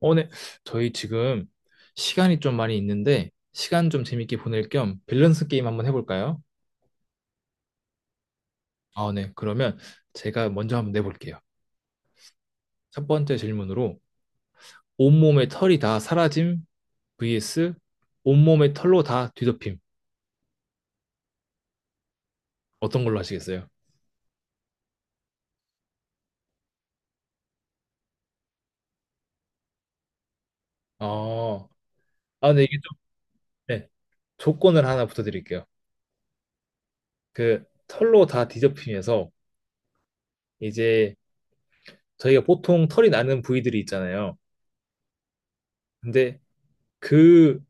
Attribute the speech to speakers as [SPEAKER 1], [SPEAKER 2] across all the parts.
[SPEAKER 1] 어, 네. 저희 지금 시간이 좀 많이 있는데, 시간 좀 재밌게 보낼 겸 밸런스 게임 한번 해볼까요? 아, 네. 그러면 제가 먼저 한번 내볼게요. 첫 번째 질문으로, 온몸에 털이 다 사라짐 vs 온몸에 털로 다 뒤덮임. 어떤 걸로 하시겠어요? 어, 아, 근데 이게 좀, 네. 조건을 하나 붙여드릴게요. 그 털로 다 뒤덮임에서 이제 저희가 보통 털이 나는 부위들이 있잖아요. 근데 그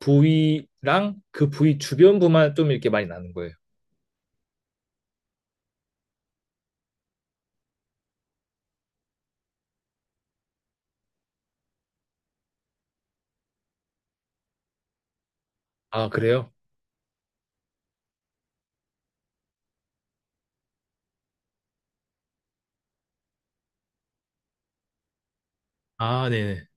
[SPEAKER 1] 부위랑 그 부위 주변부만 좀 이렇게 많이 나는 거예요. 아, 그래요? 아, 네네.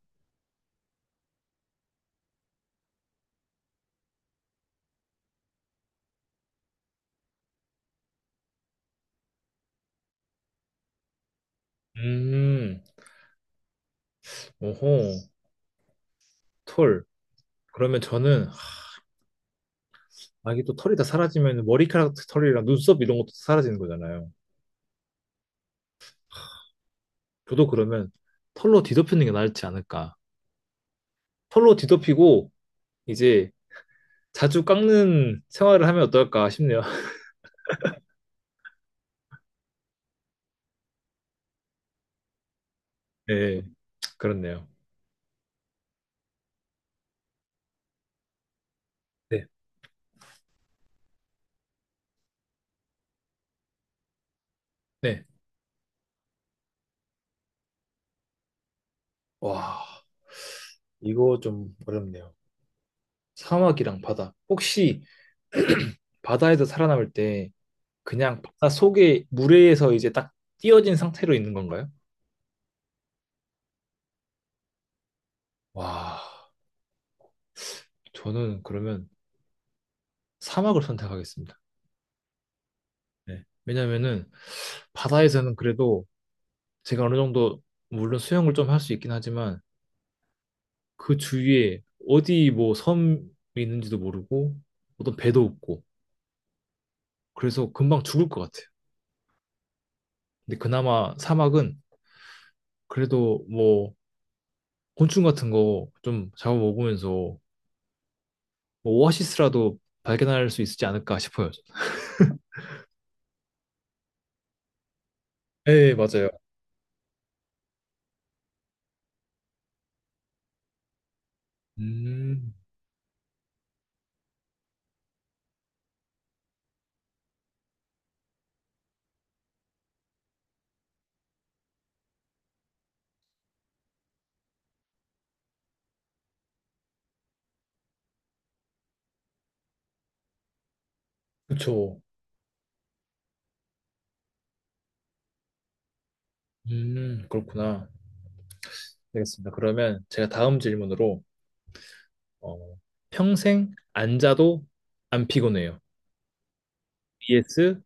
[SPEAKER 1] 음, 오호, 털. 그러면 저는, 아, 이게 또 털이 다 사라지면 머리카락 털이랑 눈썹 이런 것도 사라지는 거잖아요. 저도 그러면 털로 뒤덮이는 게 나을지 않을까. 털로 뒤덮이고, 이제 자주 깎는 생활을 하면 어떨까 싶네요. 네, 그렇네요. 네, 네. 와, 이거 좀 어렵네요. 사막이랑 바다. 혹시 바다에서 살아남을 때 그냥 바다 속에 물에서 이제 딱 띄어진 상태로 있는 건가요? 와, 저는 그러면 사막을 선택하겠습니다. 네. 왜냐면은 바다에서는 그래도 제가 어느 정도 물론 수영을 좀 할 수 있긴 하지만 그 주위에 어디 뭐 섬이 있는지도 모르고 어떤 배도 없고 그래서 금방 죽을 것 같아요. 근데 그나마 사막은 그래도 뭐 곤충 같은 거 좀 잡아먹으면서 뭐 오아시스라도 발견할 수 있지 않을까 싶어요. 저는. 네, 맞아요. 음, 그쵸. 그렇구나. 알겠습니다. 그러면 제가 다음 질문으로 어, 평생 안 자도 안 피곤해요. vs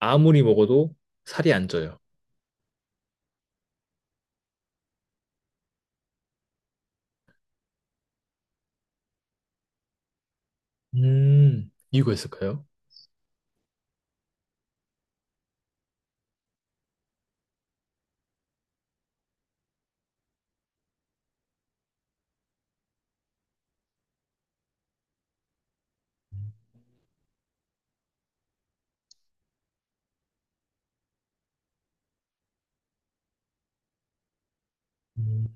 [SPEAKER 1] 아무리 먹어도 살이 안 쪄요. 이유가 있을까요? 음,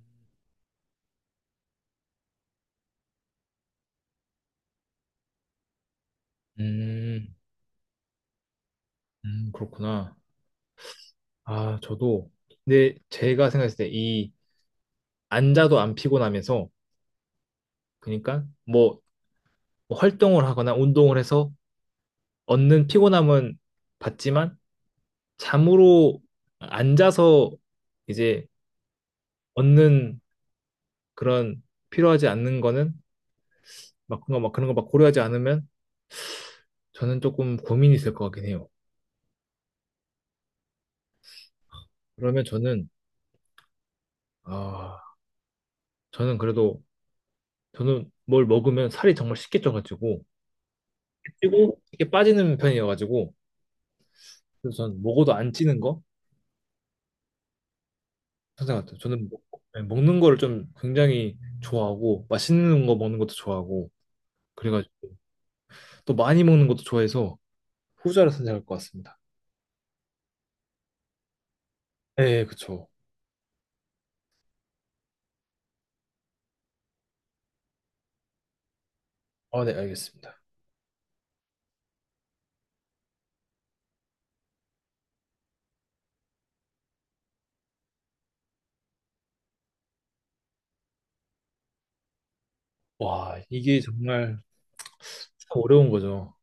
[SPEAKER 1] 음, 그렇구나. 아, 저도. 근데 제가 생각했을 때 이 안 자도 안 피곤하면서 그러니까 뭐 활동을 하거나 운동을 해서 얻는 피곤함은 받지만 잠으로 앉아서 이제 얻는 그런 필요하지 않는 거는 막 그런 거막 그런 거 막 고려하지 않으면 저는 조금 고민이 있을 것 같긴 해요. 그러면 아 저는 그래도 저는 뭘 먹으면 살이 정말 쉽게 쪄가지고 찌고 쉽게 빠지는 편이어가지고 그래서 저는 먹어도 안 찌는 거 항상 같아요. 저는 네, 먹는 거를 좀 굉장히 좋아하고 맛있는 거 먹는 것도 좋아하고 그래가지고 또 많이 먹는 것도 좋아해서 후자를 선택할 것 같습니다. 네, 그쵸. 아, 네, 알겠습니다. 와, 이게 정말 참 어려운 거죠.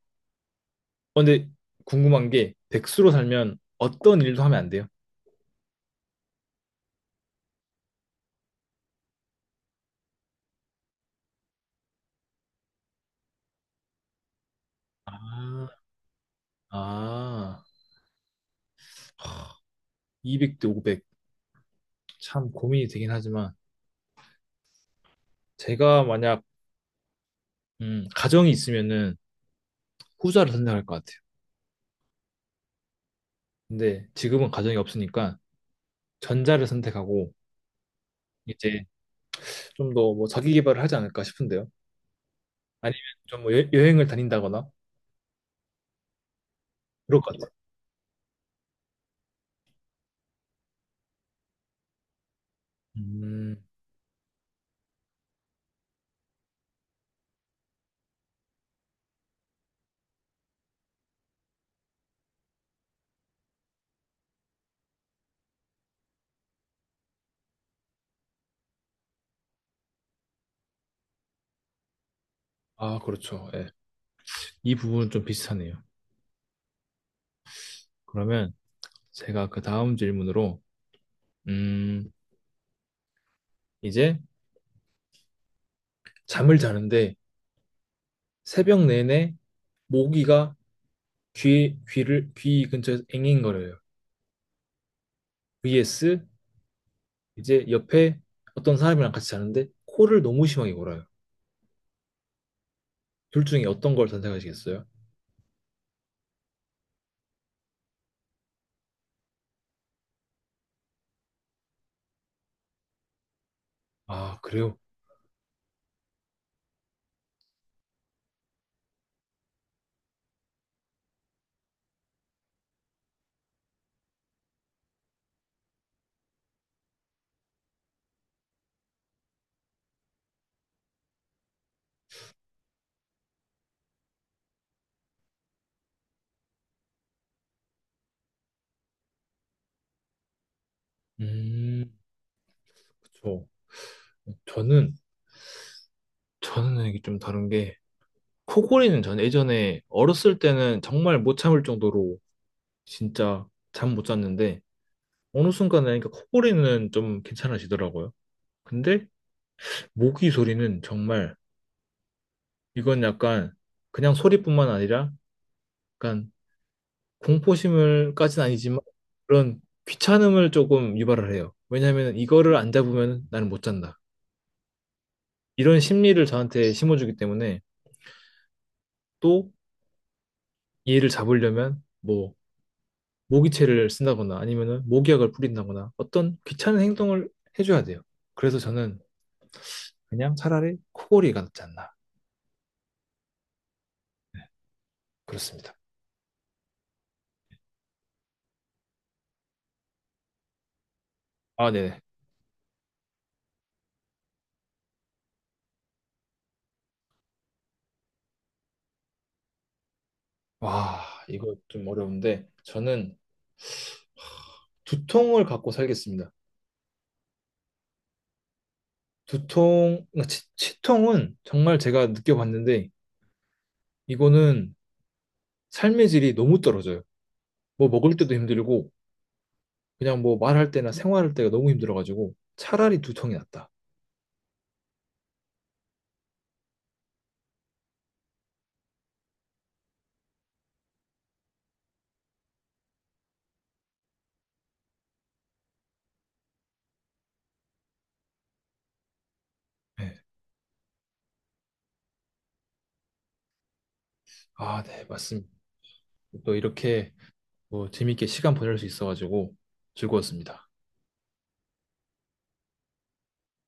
[SPEAKER 1] 근데 궁금한 게 백수로 살면 어떤 일도 하면 안 돼요? 아, 아, 하, 200대 500. 참 고민이 되긴 하지만 제가 만약 가정이 있으면은 후자를 선택할 것 같아요. 근데 지금은 가정이 없으니까 전자를 선택하고 이제 좀 더 뭐 자기 개발을 하지 않을까 싶은데요. 아니면 좀 뭐 여행을 다닌다거나 그럴 것 같아요. 음, 아, 그렇죠. 예. 이 부분은 좀 비슷하네요. 그러면 제가 그 다음 질문으로, 음, 이제 잠을 자는데 새벽 내내 모기가 귀 근처에서 앵앵거려요. vs 이제 옆에 어떤 사람이랑 같이 자는데 코를 너무 심하게 골아요. 둘 중에 어떤 걸 선택하시겠어요? 아, 그래요? 음, 그쵸. 저는, 저는, 이게 좀 다른 게, 코골이는 전 예전에 어렸을 때는 정말 못 참을 정도로 진짜 잠 못 잤는데 어느 순간 나니까 코골이는 좀 괜찮아지더라고요. 근데 모기 소리는 정말 이건 약간 그냥 소리뿐만 아니라 약간 공포심을까진 아니지만 그런 귀찮음을 조금 유발을 해요. 왜냐하면 이거를 안 잡으면 나는 못 잔다. 이런 심리를 저한테 심어주기 때문에 또 얘를 잡으려면 뭐 모기채를 쓴다거나 아니면은 모기약을 뿌린다거나 어떤 귀찮은 행동을 해줘야 돼요. 그래서 저는 그냥 차라리 코골이가 낫지 않나. 그렇습니다. 아, 네네. 와, 이거 좀 어려운데, 저는 두통을 갖고 살겠습니다. 두통, 그러니까 치통은 정말 제가 느껴봤는데, 이거는 삶의 질이 너무 떨어져요. 뭐 먹을 때도 힘들고, 그냥 뭐 말할 때나 생활할 때가 너무 힘들어가지고, 차라리 두통이 낫다. 네. 아, 네, 맞습니다. 또 이렇게 뭐 재밌게 시간 보낼 수 있어가지고 즐거웠습니다.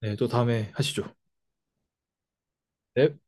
[SPEAKER 1] 네, 또 다음에 하시죠. 네.